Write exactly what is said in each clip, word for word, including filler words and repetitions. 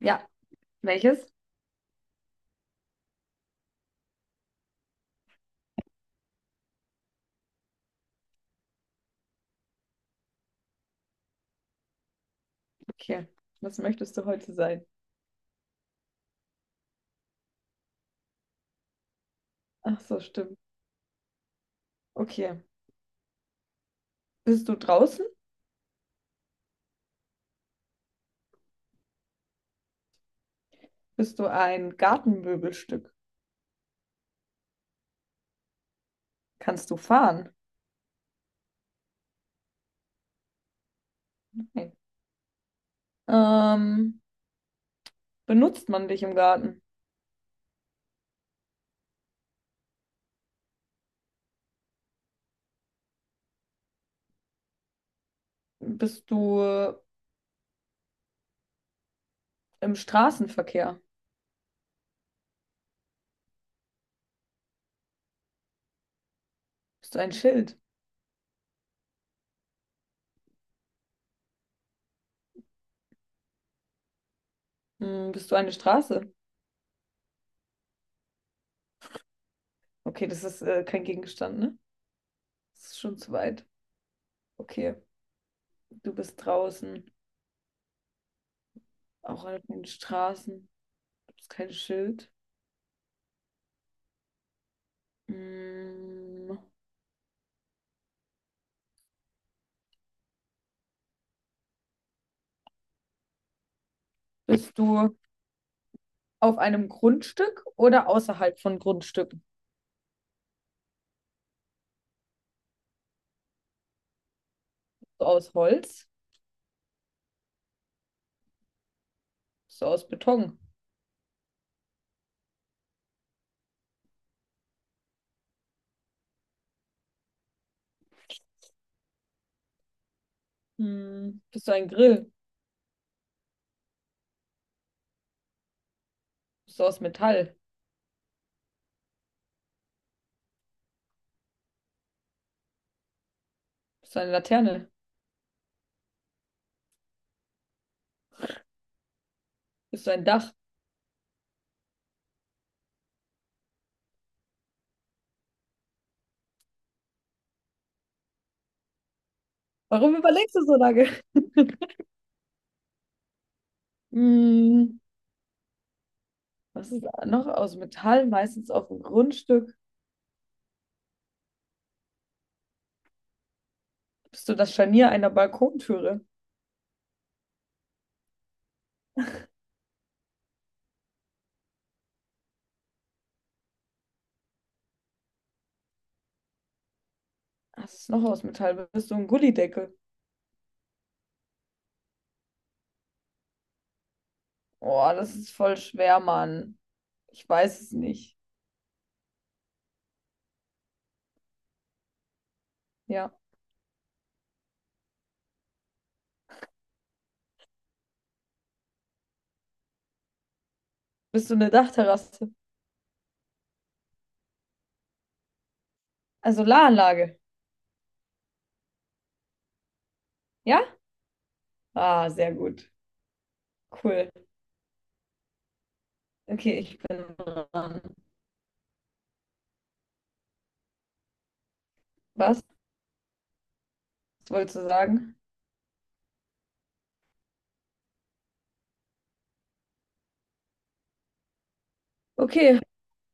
Ja, welches? Okay. Was möchtest du heute sein? Ach so, stimmt. Okay. Bist du draußen? Bist du ein Gartenmöbelstück? Kannst du fahren? Nein. Ähm, Benutzt man dich im Garten? Bist du im Straßenverkehr? Bist du ein Schild? Hm, bist du eine Straße? Okay, das ist äh, kein Gegenstand, ne? Das ist schon zu weit. Okay, du bist draußen, auch an den Straßen. Du bist kein Schild. Hm, bist du auf einem Grundstück oder außerhalb von Grundstücken? Bist du aus Holz? Bist du aus Beton? Hm. Bist du ein Grill? Bist du aus Metall? Bist du eine Laterne? Bist du ein Dach? Warum überlegst du so lange? Hm. Was ist da noch aus Metall? Meistens auf dem Grundstück. Bist du das Scharnier einer Balkontüre? Was ist noch aus Metall? Bist du ein Gullydeckel? Oh, das ist voll schwer, Mann. Ich weiß es nicht. Ja. Bist du eine Dachterrasse? Also Solaranlage. Ja? Ah, sehr gut. Cool. Okay, ich bin dran. Was? Was wolltest du sagen? Okay,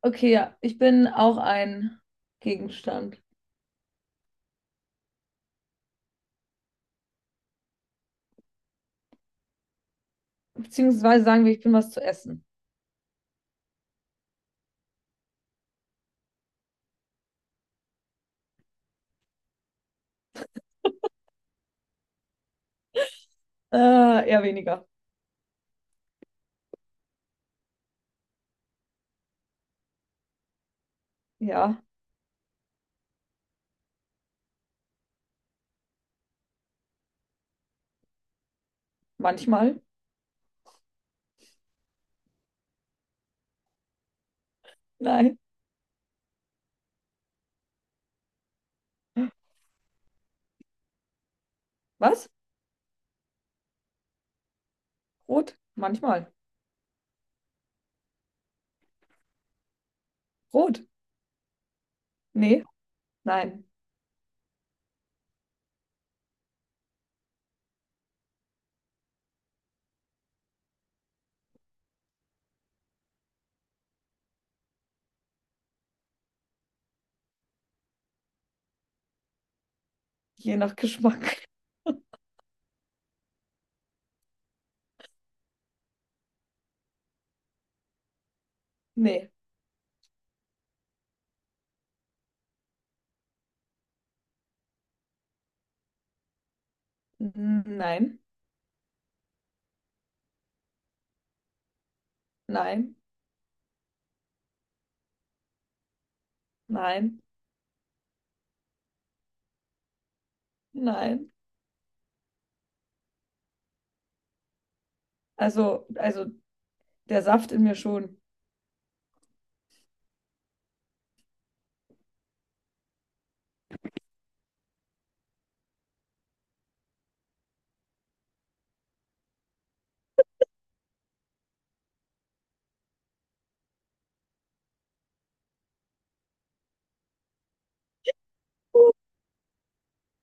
okay, ja. Ich bin auch ein Gegenstand. Beziehungsweise sagen wir, ich bin was zu essen. Äh, eher weniger. Ja, manchmal. Nein. Was? Rot? Manchmal. Rot? Nee. Nein. Je nach Geschmack. Nee. N- Nein. Nein. Nein. Nein. Also, also der Saft in mir schon.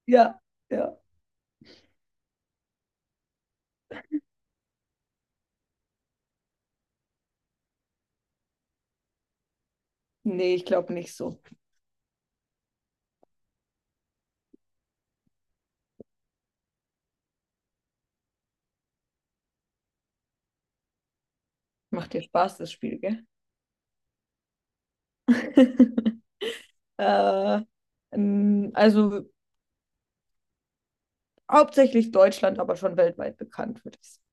Ja, ja. Nee, ich glaube nicht so. Macht dir Spaß, das Spiel, gell? äh, ähm, also hauptsächlich Deutschland, aber schon weltweit bekannt, würde ich sagen.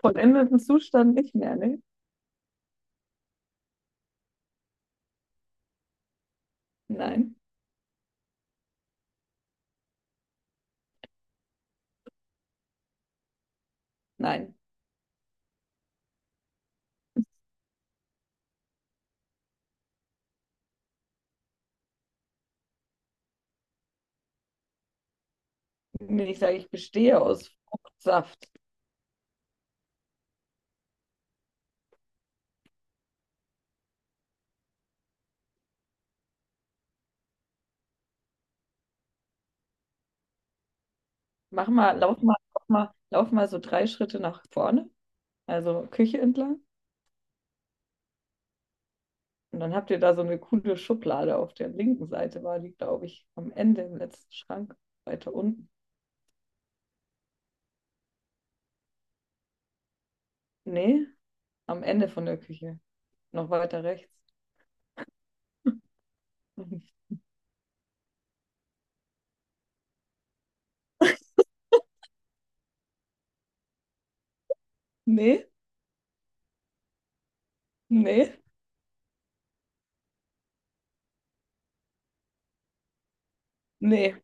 Vollendeten Zustand nicht mehr, ne? Nein, nein. Wenn ich sage, ich bestehe aus Fruchtsaft. Mach mal, lauf mal, lauf mal, lauf mal so drei Schritte nach vorne, also Küche entlang. Und dann habt ihr da so eine coole Schublade auf der linken Seite, war die, glaube ich, am Ende im letzten Schrank, weiter unten. Nee, am Ende von der Küche, noch weiter rechts. Nee, nee, nee.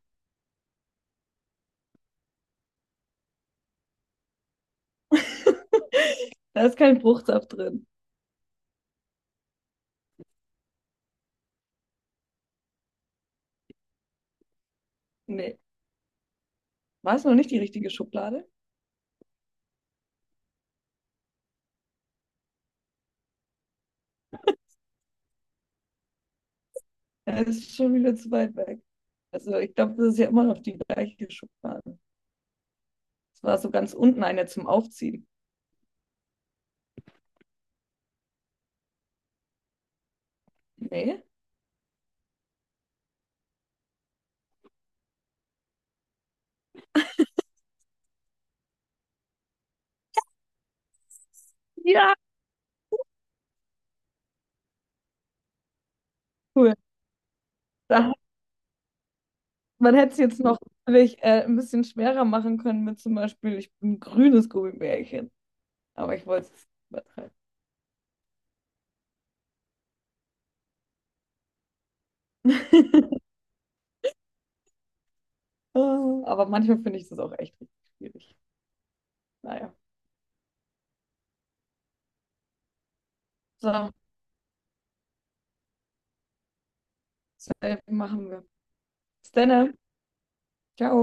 Da ist kein Fruchtsaft drin. Nee. War es noch nicht die richtige Schublade? Ja, das ist schon wieder zu weit weg. Also ich glaube, das ist ja immer noch die gleiche Schublade. Es war so ganz unten eine zum Aufziehen. Nee? Ja, cool. Da, man hätte es jetzt noch natürlich, äh, ein bisschen schwerer machen können mit zum Beispiel, ich bin ein grünes Gummibärchen. Aber ich wollte es nicht übertreiben. Oh, aber manchmal finde ich das auch echt richtig schwierig. Naja. So, das machen wir. Bis dann, ne? Ciao.